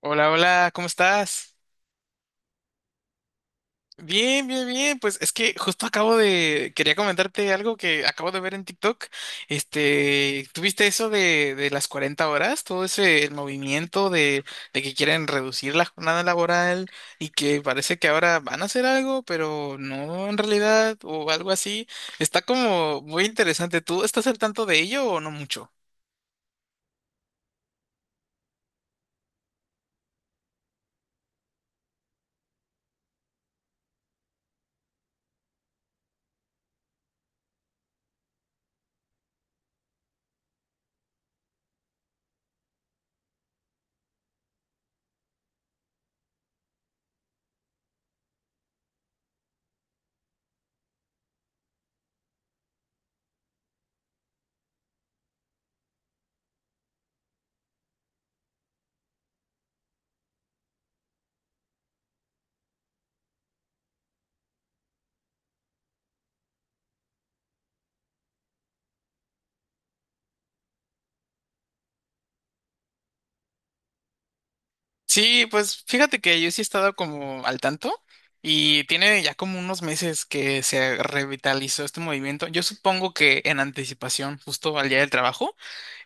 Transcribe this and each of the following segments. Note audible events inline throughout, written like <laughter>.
Hola, hola, ¿cómo estás? Bien, bien, bien. Pues es que justo acabo de, quería comentarte algo que acabo de ver en TikTok. Este, ¿tuviste eso de las 40 horas? Todo ese, el movimiento de que quieren reducir la jornada laboral y que parece que ahora van a hacer algo, pero no en realidad o algo así. Está como muy interesante. ¿Tú estás al tanto de ello o no mucho? Sí, pues fíjate que yo sí he estado como al tanto y tiene ya como unos meses que se revitalizó este movimiento. Yo supongo que en anticipación, justo al día del trabajo,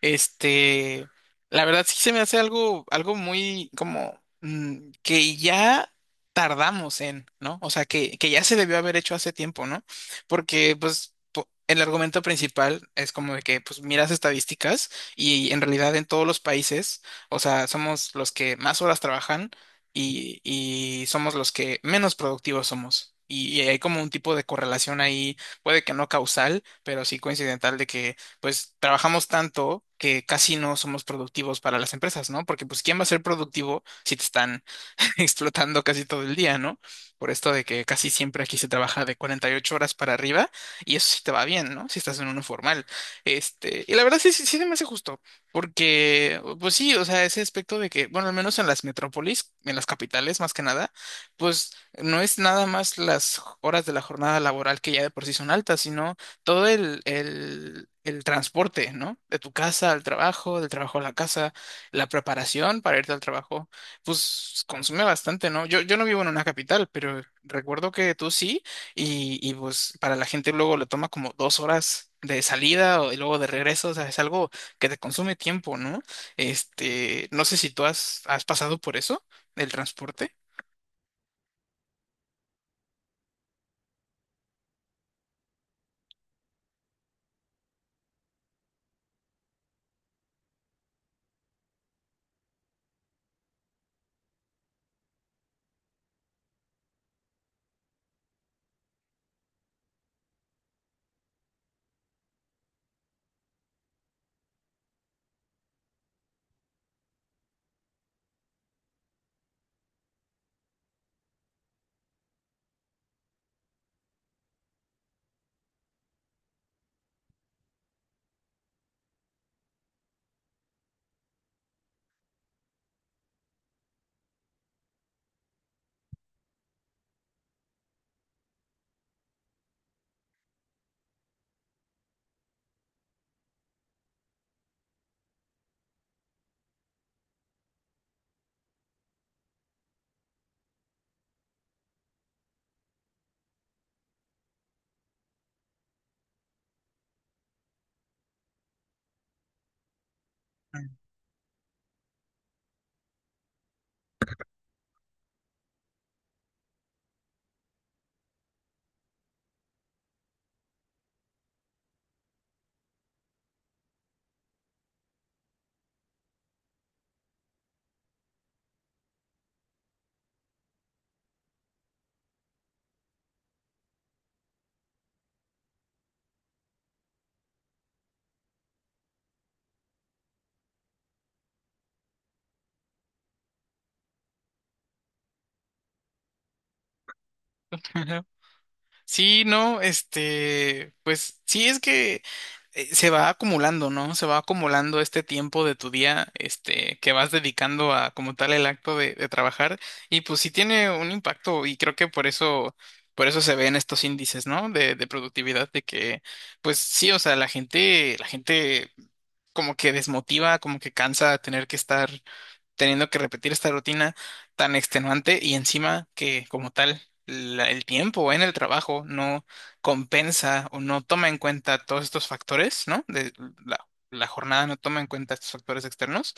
este, la verdad sí se me hace algo, algo muy que ya tardamos en, ¿no? O sea, que ya se debió haber hecho hace tiempo, ¿no? Porque el argumento principal es como de que, pues, miras estadísticas y en realidad en todos los países, o sea, somos los que más horas trabajan y somos los que menos productivos somos. Y hay como un tipo de correlación ahí, puede que no causal, pero sí coincidental de que pues trabajamos tanto que casi no somos productivos para las empresas, ¿no? Porque pues ¿quién va a ser productivo si te están <laughs> explotando casi todo el día, ¿no? Por esto de que casi siempre aquí se trabaja de 48 horas para arriba y eso sí te va bien, ¿no? Si estás en uno formal. Este, y la verdad sí se me hace justo, porque, pues sí, o sea, ese aspecto de que, bueno, al menos en las metrópolis, en las capitales más que nada, pues no es nada más las horas de la jornada laboral que ya de por sí son altas, sino todo el transporte, ¿no? De tu casa al trabajo, del trabajo a la casa, la preparación para irte al trabajo pues consume bastante, ¿no? Yo no vivo en una capital, pero recuerdo que tú sí, y pues para la gente luego le toma como 2 horas de salida o, y luego de regreso, o sea, es algo que te consume tiempo, ¿no? Este, no sé si tú has, has pasado por eso, el transporte. <laughs> Sí, no, este, pues sí es que se va acumulando, ¿no? Se va acumulando este tiempo de tu día, este, que vas dedicando a como tal el acto de trabajar y pues sí tiene un impacto y creo que por eso se ven estos índices, ¿no? De productividad, de que, pues sí, o sea, la gente como que desmotiva, como que cansa tener que estar teniendo que repetir esta rutina tan extenuante y encima que como tal el tiempo en el trabajo no compensa o no toma en cuenta todos estos factores, ¿no? De la jornada no toma en cuenta estos factores externos.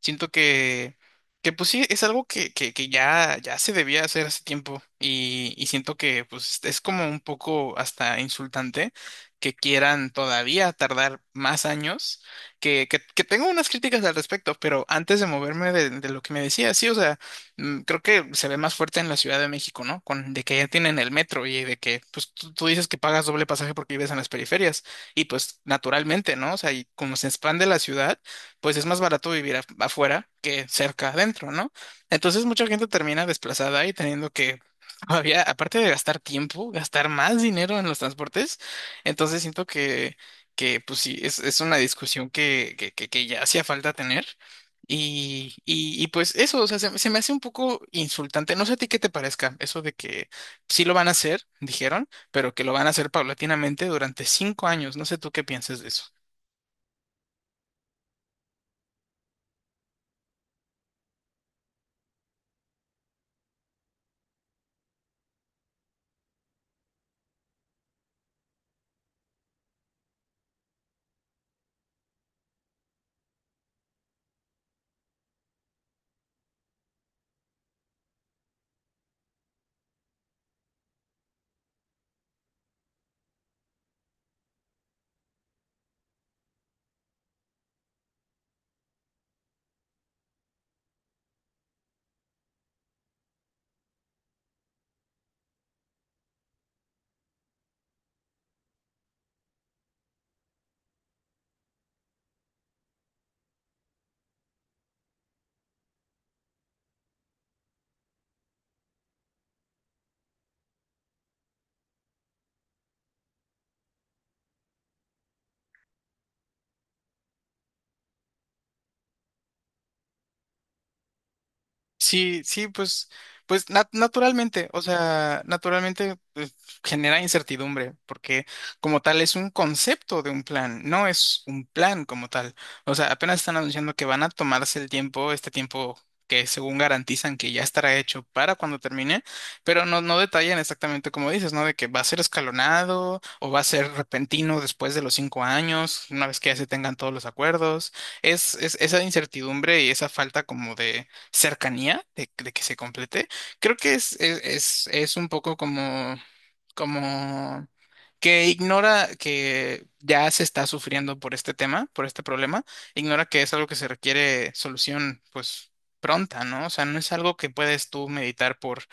Siento que pues sí, es algo que ya se debía hacer hace tiempo y siento que pues es como un poco hasta insultante que quieran todavía tardar más años que tengo unas críticas al respecto, pero antes de moverme de lo que me decía, sí, o sea, mm, creo que se ve más fuerte en la Ciudad de México, ¿no? Con, de que ya tienen el metro y de que, pues, tú dices que pagas doble pasaje porque vives en las periferias y pues naturalmente, ¿no? O sea, y como se expande la ciudad, pues es más barato vivir afuera que cerca adentro, ¿no? Entonces mucha gente termina desplazada y teniendo que... Todavía, aparte de gastar tiempo, gastar más dinero en los transportes, entonces siento que pues sí, es una discusión que ya hacía falta tener. Y pues eso, o sea, se me hace un poco insultante. No sé a ti qué te parezca eso de que sí lo van a hacer, dijeron, pero que lo van a hacer paulatinamente durante 5 años. No sé tú qué piensas de eso. Sí, sí, pues, pues naturalmente, o sea, naturalmente pues, genera incertidumbre, porque como tal es un concepto de un plan, no es un plan como tal. O sea, apenas están anunciando que van a tomarse el tiempo, este tiempo que según garantizan que ya estará hecho para cuando termine, pero no, no detallan exactamente como dices, ¿no? De que va a ser escalonado o va a ser repentino después de los 5 años, una vez que ya se tengan todos los acuerdos. Es esa incertidumbre y esa falta como de cercanía de que se complete. Creo que es un poco como como que ignora que ya se está sufriendo por este tema, por este problema, ignora que es algo que se requiere solución, pues pronta, ¿no? O sea, no es algo que puedes tú meditar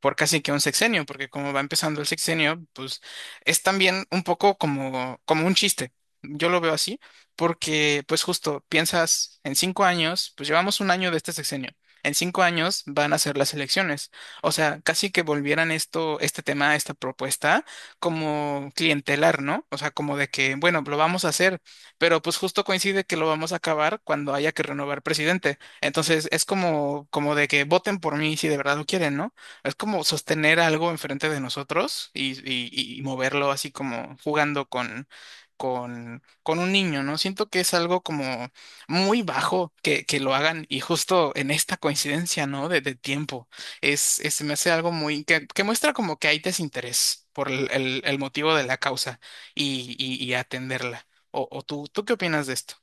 por casi que un sexenio, porque como va empezando el sexenio, pues es también un poco como, como un chiste. Yo lo veo así, porque pues justo piensas en 5 años, pues llevamos 1 año de este sexenio. En cinco años van a ser las elecciones. O sea, casi que volvieran esto, este tema, esta propuesta, como clientelar, ¿no? O sea, como de que, bueno, lo vamos a hacer, pero pues justo coincide que lo vamos a acabar cuando haya que renovar presidente. Entonces, es como, como de que voten por mí si de verdad lo quieren, ¿no? Es como sostener algo enfrente de nosotros y moverlo así como jugando con, con un niño, ¿no? Siento que es algo como muy bajo que lo hagan y justo en esta coincidencia, ¿no? De tiempo es, se me hace algo muy, que muestra como que hay desinterés por el, el motivo de la causa y, y atenderla. O tú, ¿tú qué opinas de esto?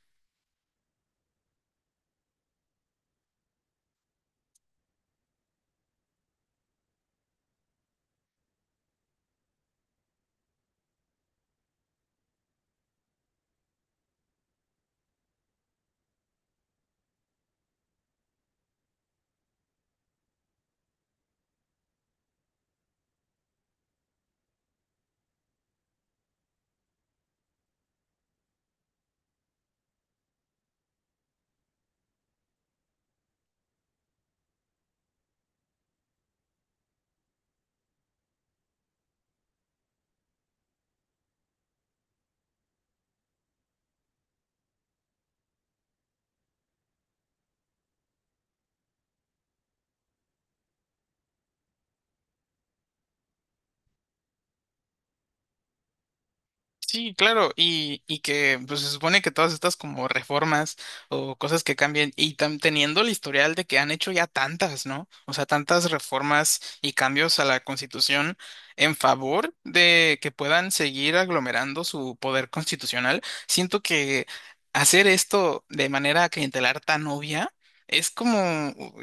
Sí, claro, y que pues, se supone que todas estas como reformas o cosas que cambian, y teniendo el historial de que han hecho ya tantas, ¿no? O sea, tantas reformas y cambios a la Constitución en favor de que puedan seguir aglomerando su poder constitucional, siento que hacer esto de manera clientelar tan obvia es como,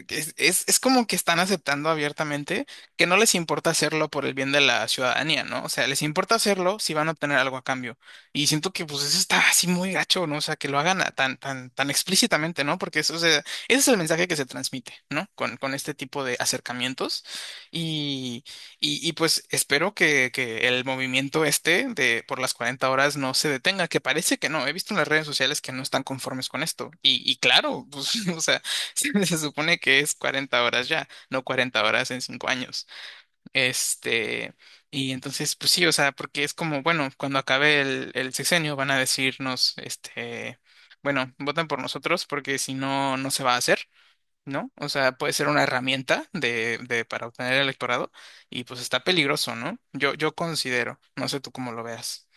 es como que están aceptando abiertamente que no les importa hacerlo por el bien de la ciudadanía, ¿no? O sea, les importa hacerlo si van a obtener algo a cambio. Y siento que pues eso está así muy gacho, ¿no? O sea, que lo hagan tan, tan, tan explícitamente, ¿no? Porque eso, o sea, ese es el mensaje que se transmite, ¿no? Con este tipo de acercamientos. Y, pues espero que el movimiento este de por las 40 horas no se detenga, que parece que no. He visto en las redes sociales que no están conformes con esto. Y claro, pues, <laughs> o sea, se supone que es 40 horas ya, no 40 horas en 5 años. Este, y entonces, pues sí, o sea, porque es como, bueno, cuando acabe el sexenio van a decirnos, este, bueno, votan por nosotros porque si no, no se va a hacer, ¿no? O sea, puede ser una herramienta de, para obtener el electorado y pues está peligroso, ¿no? Yo considero, no sé tú cómo lo veas.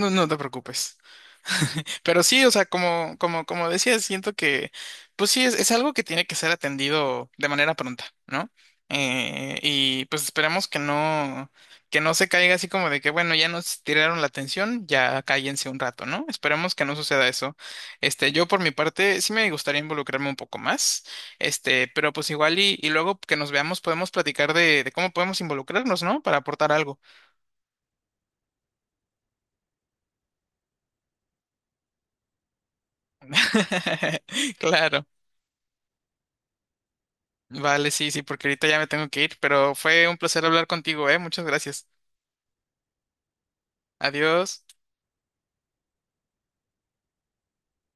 No, no te preocupes. Pero sí, o sea, como, como, como decía, siento que, pues sí, es algo que tiene que ser atendido de manera pronta, ¿no? Y pues esperemos que no se caiga así como de que, bueno, ya nos tiraron la atención, ya cállense un rato, ¿no? Esperemos que no suceda eso. Este, yo por mi parte, sí me gustaría involucrarme un poco más, este, pero pues igual y luego que nos veamos podemos platicar de cómo podemos involucrarnos, ¿no? Para aportar algo. <laughs> Claro. Vale, sí, sí, porque ahorita ya me tengo que ir, pero fue un placer hablar contigo, ¿eh? Muchas gracias. Adiós.